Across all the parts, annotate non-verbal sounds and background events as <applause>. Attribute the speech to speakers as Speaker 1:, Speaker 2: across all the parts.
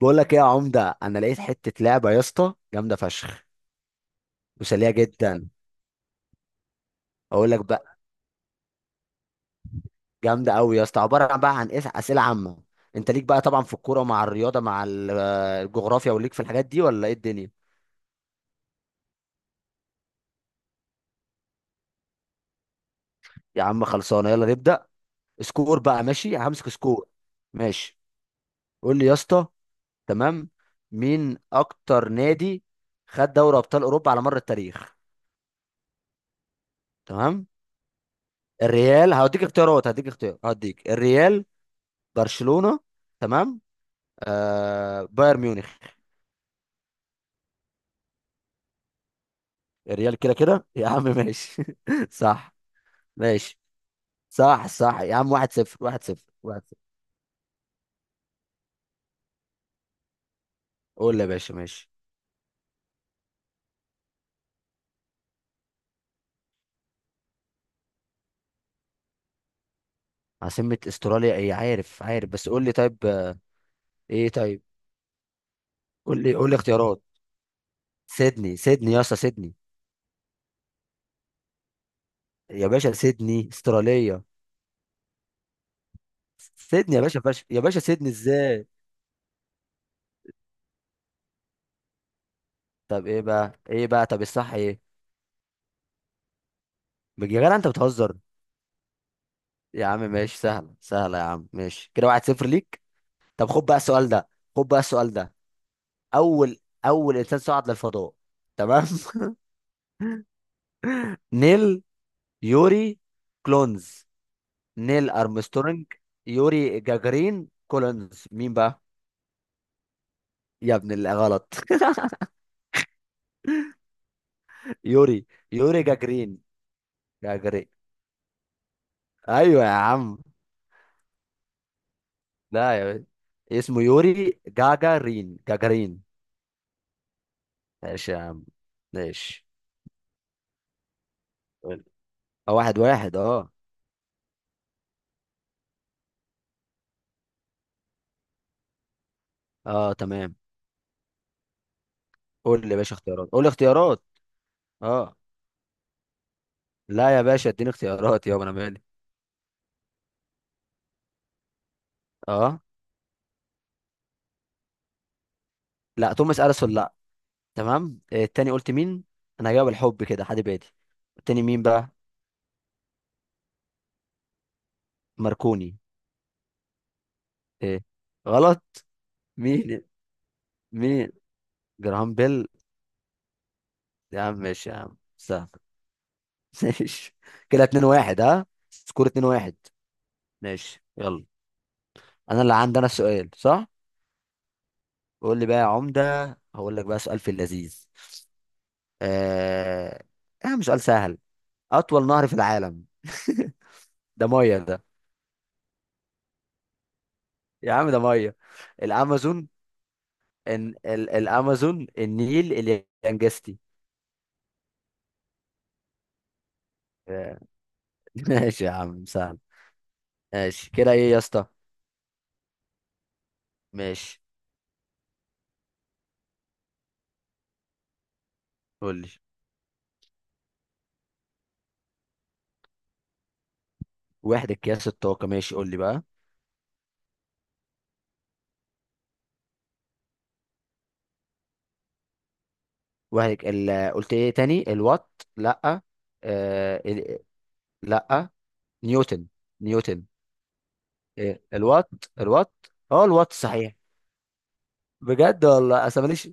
Speaker 1: بقول لك ايه يا عمده؟ انا لقيت حته لعبه يا اسطى جامده فشخ وسليه جدا. اقول لك بقى، جامده قوي يا اسطى. عباره بقى عن إيه؟ اسئله عامه. انت ليك بقى طبعا في الكوره، مع الرياضه، مع الجغرافيا، وليك في الحاجات دي ولا ايه الدنيا؟ يا عم خلصانه، يلا نبدا. سكور بقى، ماشي همسك سكور. ماشي، قول لي يا اسطى. تمام، مين اكتر نادي خد دوري ابطال اوروبا على مر التاريخ؟ تمام، الريال هوديك اختيارات، هديك اختيار، هديك الريال، برشلونه، تمام، آه بايرن ميونخ. الريال كده كده يا عم، ماشي <laughs> صح. ماشي. صح صح يا عم، واحد صفر، واحد صفر، واحد صفر. قول لي يا باشا، ماشي. عاصمة استراليا ايه؟ عارف عارف، بس قول لي طيب ايه طيب. قول لي، قول لي اختيارات. سيدني، سيدني يا اسطى سيدني. يا باشا سيدني استراليا. سيدني يا باشا يا باشا سيدني ازاي؟ طب ايه بقى، ايه بقى، طب الصح ايه؟ يا جدع انت بتهزر. يا عم ماشي، سهلة سهلة يا عم، ماشي كده واحد صفر ليك. طب خد بقى السؤال ده، خد بقى السؤال ده. اول اول انسان صعد للفضاء. تمام. <laughs> نيل، يوري، كلونز، نيل ارمسترونج. يوري جاجرين، كولونز، مين بقى؟ يا ابن اللي غلط. <laughs> يوري، يوري جاجرين، جاجرين. ايوه يا عم. لا يا باشا. اسمه يوري جاجارين جاجارين. ماشي يا عم، ماشي. قول. اه، واحد واحد، اه. اه تمام. قول لي يا باشا اختيارات، قول لي اختيارات. اه، لا يا باشا، اديني اختيارات يابا، انا مالي. اه، لا توماس اديسون لا. تمام، التاني قلت مين؟ انا هجاوب الحب كده، حد بادي. التاني مين بقى؟ ماركوني. ايه؟ غلط؟ مين؟ مين؟ جراهام بيل. يا عم ماشي، يا عم سهل. <laughs> ماشي، كده 2 1، ها سكور 2 1. ماشي، يلا. انا اللي عندي انا السؤال، صح. قول لي بقى يا عمدة، هقول لك بقى سؤال في اللذيذ. آه... يا عم سؤال سهل. اطول نهر في العالم. <laughs> ده ميه ده، يا عم ده ميه. الامازون، الامازون، النيل، اليانجستي. آه، <laughs> ماشي يا عم، سهل. ماشي، كده ايه يا اسطى؟ ماشي، قول لي. وحدة قياس الطاقة، ماشي قول لي بقى. قلت ايه تاني؟ الوات، لا. آه... ال... لا. نيوتن، نيوتن. إيه؟ الوات. الوات. اه الوات صحيح. بجد والله، اصل ماليش،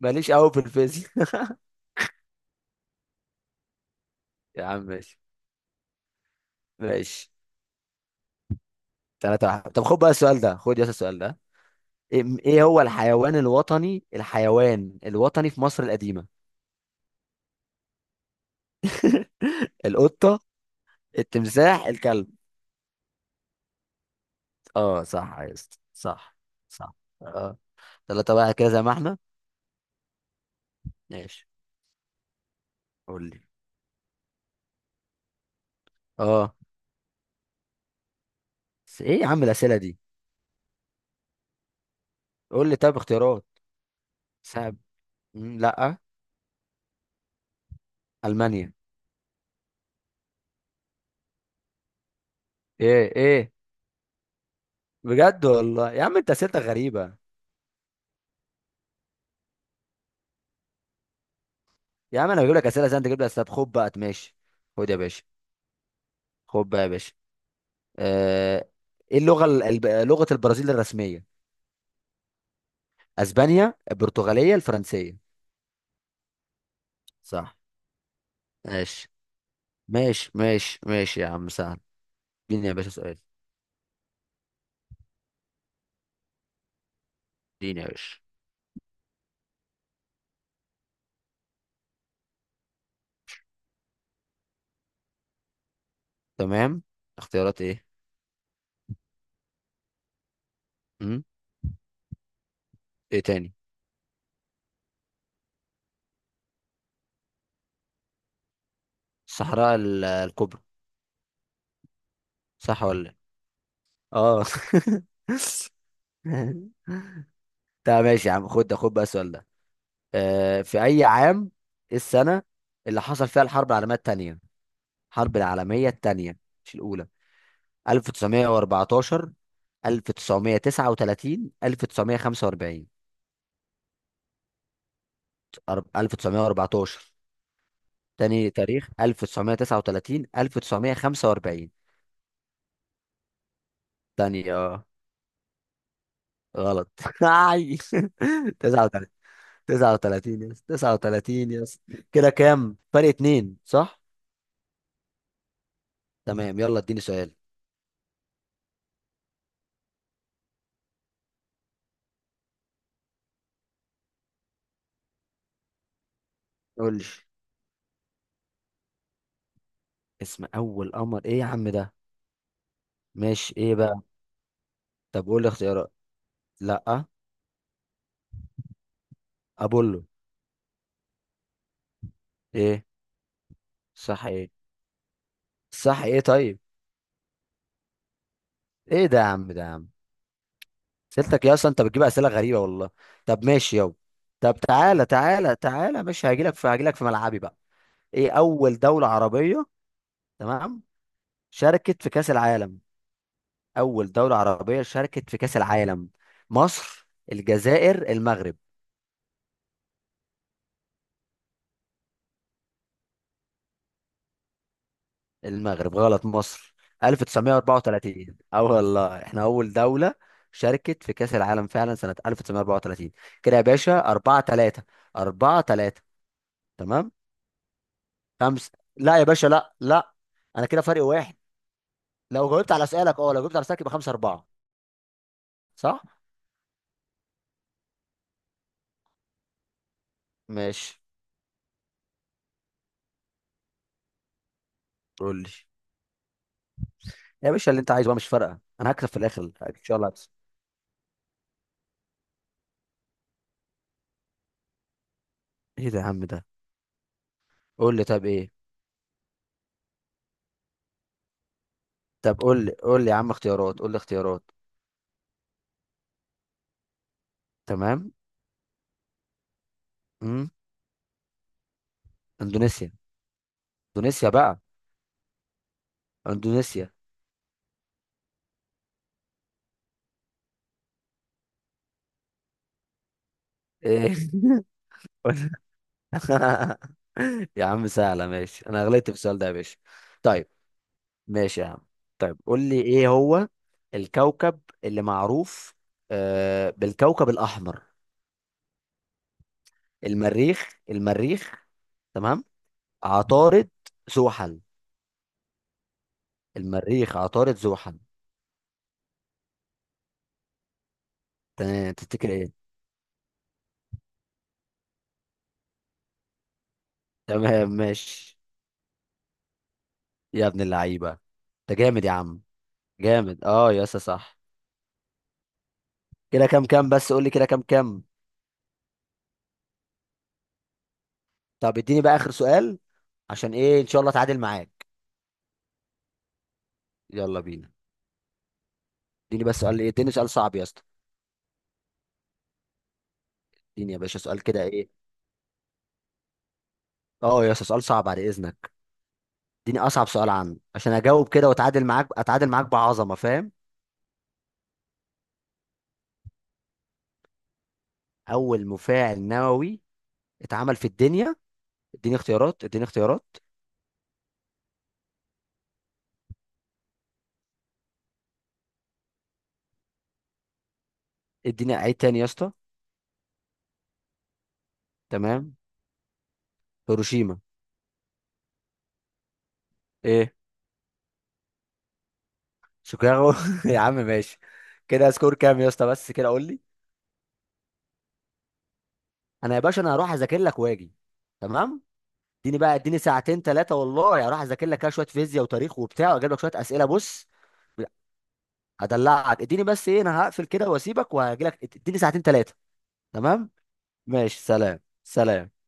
Speaker 1: ماليش قوي في الفيزياء. <laughs> يا عم ماشي. ماشي. ثلاثة واحد. طب خد بقى السؤال ده، خد يا اسطى السؤال ده. ايه هو الحيوان الوطني، الحيوان الوطني في مصر القديمة؟ القطة، التمساح، الكلب. اه صح يا اسطى، صح. صح. اه. تلاتة بقى، كده زي ما احنا. ماشي. قول لي. اه، بس ايه يا عم الأسئلة دي؟ قول لي طب اختيارات. ساب، مم، لا. ألمانيا. ايه؟ ايه؟ بجد والله يا عم، انت أسئلتك غريبة. يا عم انا بجيب لك أسئلة زي انت جبت. طب خد بقى، ماشي. خد يا باشا، خد بقى يا باشا. آه، ايه اللغة لغة البرازيل الرسمية؟ اسبانيا، البرتغاليه، الفرنسيه. صح. ماشي ماشي ماشي، ماشي يا عم سهل. اديني يا باشا سؤال. اديني يا باشا. تمام. اختيارات ايه؟ امم. ايه تاني؟ الصحراء الكبرى. صح ولا إيه؟ اه. <laughs> طب ماشي يا عم، خد، خد بقى السؤال ده. آه، في اي عام، إيه السنه اللي حصل فيها الحرب العالميه الثانيه؟ الحرب العالميه الثانيه، مش الاولى. 1914، 1939، 1945. 1914. تاني تاريخ 1939، 1945. تاني اه. غلط. <laughs> أي. 39، 39 يس، 39 يس. كده كام؟ فرق اتنين صح. تمام، يلا اديني سؤال. قول لي. اسم اول قمر ايه يا عم ده؟ ماشي، ايه بقى؟ طب قول لي اختيارات. لا. ابولو. ايه؟ صح ايه؟ صح ايه طيب؟ ايه ده يا عم ده، يا عم سيرتك، يا اصلا انت بتجيب اسئله غريبه والله. طب ماشي يابا. طب تعالى تعالى تعالى ماشي، هجيلك في، هجيلك في ملعبي بقى. ايه اول دوله عربيه؟ تمام. شاركت في كاس العالم. اول دوله عربيه شاركت في كاس العالم؟ مصر، الجزائر، المغرب. المغرب غلط، مصر. 1934، اه والله احنا اول دوله شاركت في كاس العالم فعلا سنه 1934. كده يا باشا 4 3، 4 3. تمام. خمسة؟ لا يا باشا، لا لا. انا كده فرق واحد. لو جاوبت على سؤالك، اه لو جاوبت على سؤالك يبقى خمسة أربعة. صح. ماشي. قول لي يا باشا، اللي انت عايزه بقى، مش فارقة، انا هكسب في الاخر ان شاء الله هكسب. ايه ده يا عم ده؟ قول لي طب ايه. طب قول لي، قول لي يا عم اختيارات، قول لي اختيارات. تمام. امم. اندونيسيا، اندونيسيا بقى، اندونيسيا. ايه؟ <laughs> <laughs> يا عم سهلة، ماشي انا غلطت في السؤال ده يا باشا. طيب. ماشي يا عم. طيب قول لي، ايه هو الكوكب اللي معروف آه بالكوكب الاحمر؟ المريخ، المريخ. تمام. عطارد، زحل. المريخ، عطارد، زحل. تمام، تفتكر ايه؟ تمام ماشي. يا ابن اللعيبه، انت جامد يا عم. جامد اه يا اسطى صح. كده كام كام بس، قول لي كده كام كام. طب اديني بقى اخر سؤال، عشان ايه ان شاء الله اتعادل معاك. يلا بينا. اديني بس سؤال، ايه اديني سؤال صعب يا اسطى. اديني يا باشا سؤال كده، ايه. اه يا اسطى سؤال صعب بعد اذنك. اديني اصعب سؤال عنه، عشان اجاوب كده واتعادل معاك، اتعادل معاك بعظمه، فاهم. اول مفاعل نووي اتعمل في الدنيا. اديني اختيارات، اديني اختيارات. اديني عيد تاني يا اسطى. تمام. هيروشيما. ايه؟ شيكاغو. <laughs> يا عم ماشي. كده سكور كام يا اسطى؟ بس كده قول لي. انا يا باشا انا هروح اذاكر لك واجي. تمام. اديني بقى، اديني ساعتين ثلاثه والله، هروح اذاكر لك كده شويه فيزياء وتاريخ وبتاع، واجيب لك شويه اسئله بص. هدلعك، اديني بس ايه، انا هقفل كده واسيبك وهجي لك، اديني ساعتين ثلاثه. تمام ماشي، سلام سلام.